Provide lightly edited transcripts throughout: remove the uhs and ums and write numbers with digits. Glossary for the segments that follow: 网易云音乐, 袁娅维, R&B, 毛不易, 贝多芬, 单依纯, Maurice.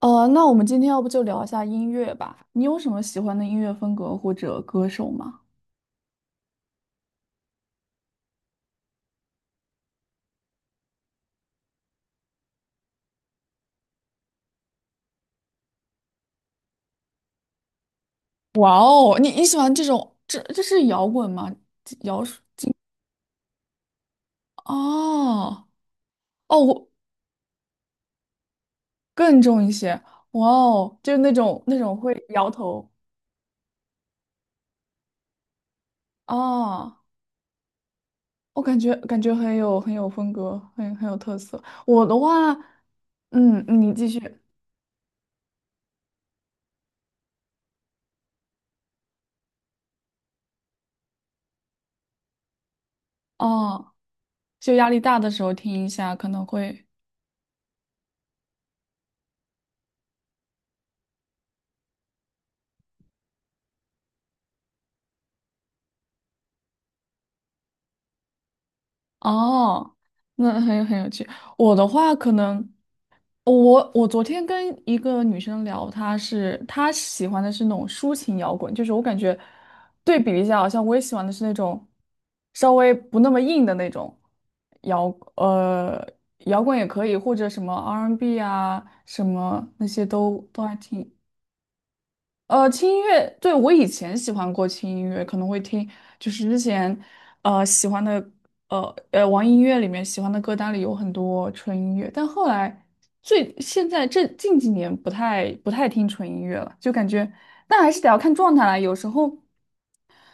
那我们今天要不就聊一下音乐吧？你有什么喜欢的音乐风格或者歌手吗？哇哦，你喜欢这种，这是摇滚吗？这摇是哦哦，我更重一些。哇哦，就是那种会摇头。哦，我感觉很有风格，很有特色。我的话，嗯，你继续。哦，就压力大的时候听一下，可能会。哦，那很有趣。我的话可能。我昨天跟一个女生聊，她喜欢的是那种抒情摇滚，就是我感觉对比一下，好像我也喜欢的是那种稍微不那么硬的那种摇，呃，摇滚也可以，或者什么 R&B n 啊，什么那些都还挺轻音乐，对，我以前喜欢过轻音乐，可能会听，就是之前，喜欢的，网易音乐里面喜欢的歌单里有很多纯音乐，但后来最现在这近几年不太听纯音乐了，就感觉，但还是得要看状态啦，有时候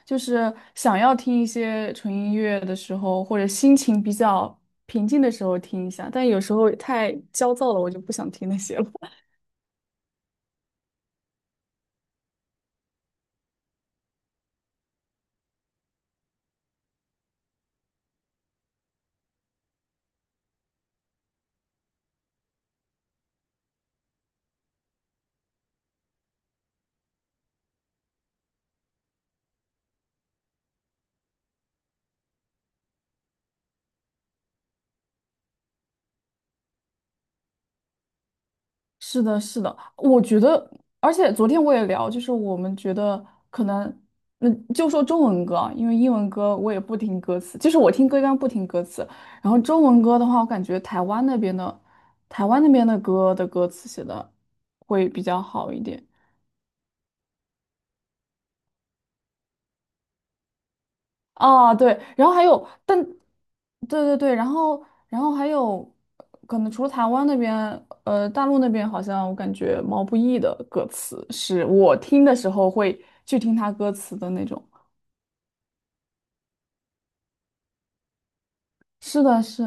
就是想要听一些纯音乐的时候，或者心情比较平静的时候听一下，但有时候太焦躁了，我就不想听那些了。是的，是的，我觉得，而且昨天我也聊，就是我们觉得可能，那就说中文歌啊，因为英文歌我也不听歌词，就是我听歌一般不听歌词，然后中文歌的话，我感觉台湾那边的，台湾那边的歌的歌词写的会比较好一点。啊，对，然后还有，但，对对对，然后还有，可能除了台湾那边，大陆那边好像我感觉毛不易的歌词是我听的时候会去听他歌词的那种。是的，是，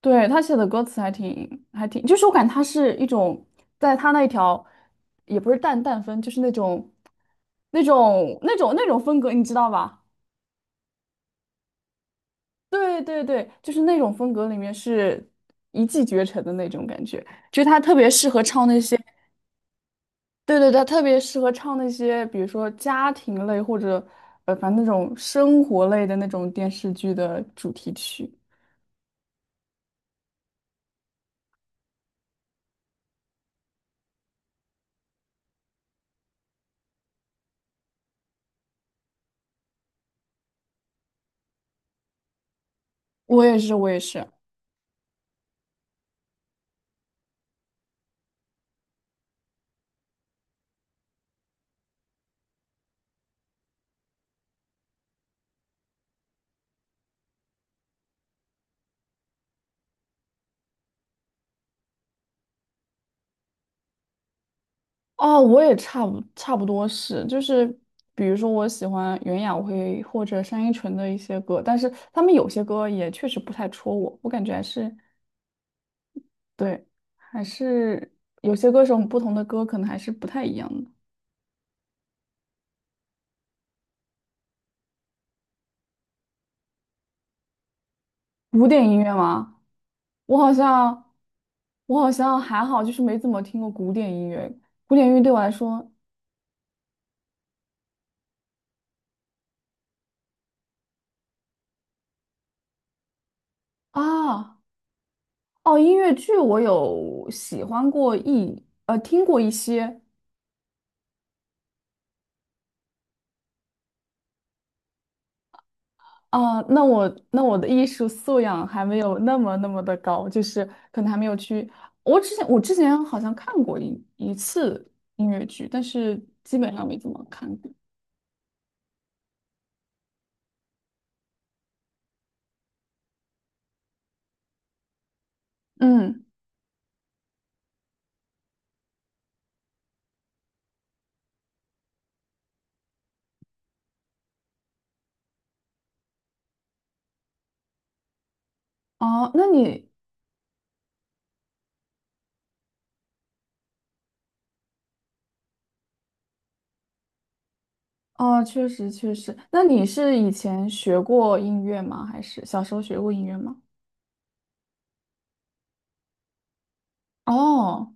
对，他写的歌词还挺，就是我感觉他是一种在他那一条，也不是淡淡风，就是那种风格，你知道吧？对对对，就是那种风格里面是一骑绝尘的那种感觉，就是他特别适合唱那些，对对对，他特别适合唱那些，比如说家庭类或者反正那种生活类的那种电视剧的主题曲。我也是，我也是。哦，我也差不多是，就是比如说我喜欢袁娅维或者单依纯的一些歌，但是他们有些歌也确实不太戳我，我感觉还是对，还是有些歌手不同的歌可能还是不太一样的。古典音乐吗？我好像，我好像还好，就是没怎么听过古典音乐。古典音乐对我来说啊。哦，音乐剧我有喜欢过听过一些。啊，那我的艺术素养还没有那么的高，就是可能还没有去。我之前好像看过一次音乐剧，但是基本上没怎么看过。嗯。哦，那你。哦，确实，那你是以前学过音乐吗？还是小时候学过音乐吗？哦，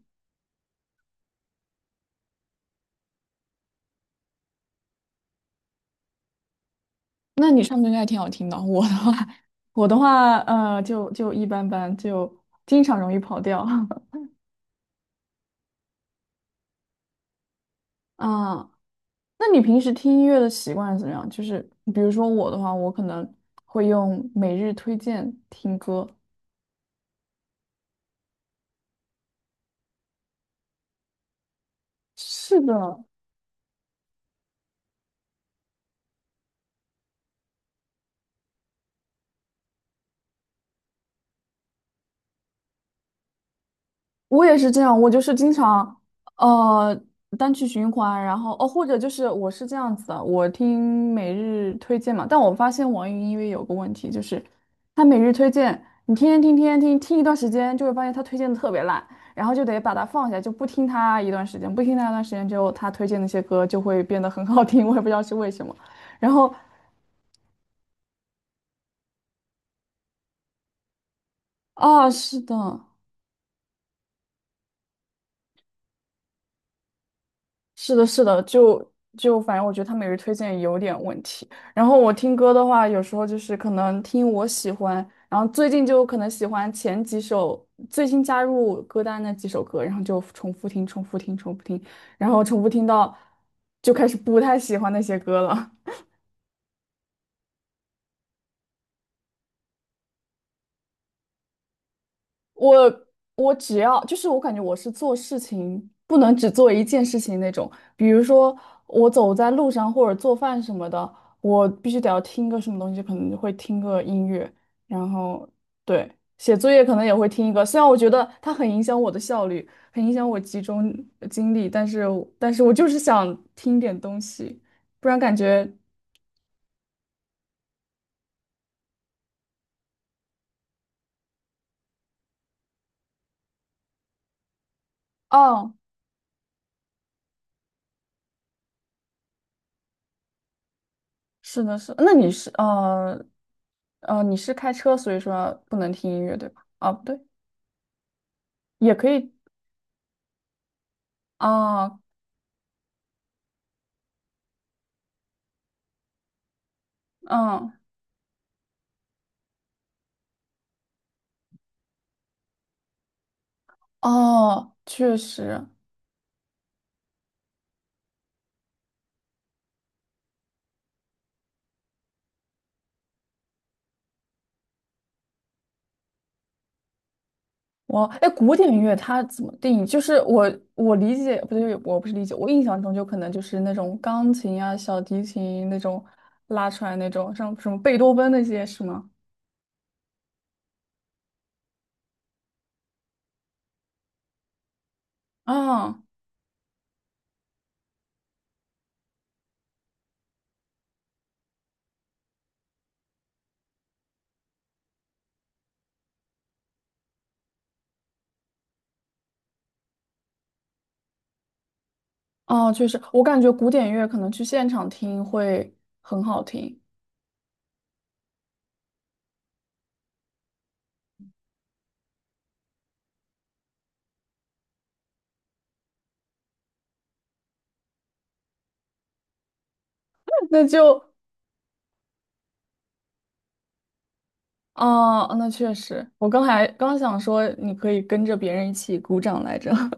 那你唱歌应该还挺好听的。我的话，我的话，就一般般，就经常容易跑调。啊，那你平时听音乐的习惯是怎么样？就是比如说我的话，我可能会用每日推荐听歌。是的，我也是这样，我就是经常呃单曲循环，然后或者就是我是这样子的，我听每日推荐嘛，但我发现网易云音乐有个问题，就是它每日推荐，你天天听天天听，听一段时间就会发现它推荐的特别烂，然后就得把它放下，就不听它一段时间，不听它一段时间之后，它推荐那些歌就会变得很好听，我也不知道是为什么。然后。啊，是的，是的，是的，就反正我觉得他每日推荐有点问题。然后我听歌的话，有时候就是可能听我喜欢，然后最近就可能喜欢前几首最新加入歌单那几首歌，然后就重复听、重复听、重复听，然后重复听到就开始不太喜欢那些歌了。我我只要就是我感觉我是做事情不能只做一件事情那种，比如说我走在路上或者做饭什么的，我必须得要听个什么东西，可能就会听个音乐，然后对，写作业可能也会听一个，虽然我觉得它很影响我的效率，很影响我集中精力，但是我就是想听点东西，不然感觉。哦，是的是，那你是开车，所以说不能听音乐对吧？啊，不对。也可以啊，嗯，哦，确实。我哎，古典乐它怎么定义？就是我理解，不对，我不是理解，我印象中就可能就是那种钢琴啊、小提琴那种拉出来那种，像什么贝多芬那些是吗？啊，哦，确实，我感觉古典乐可能去现场听会很好听。那就。啊，那确实，我刚才刚想说你可以跟着别人一起鼓掌来着。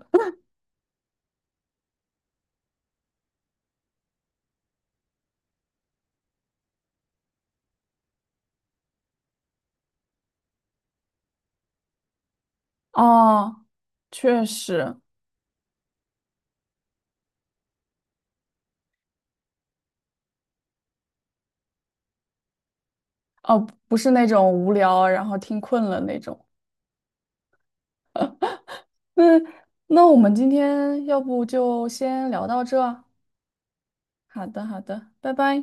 哦，确实。哦，不是那种无聊，然后听困了那种。嗯，那我们今天要不就先聊到这儿啊。好的，好的，拜拜。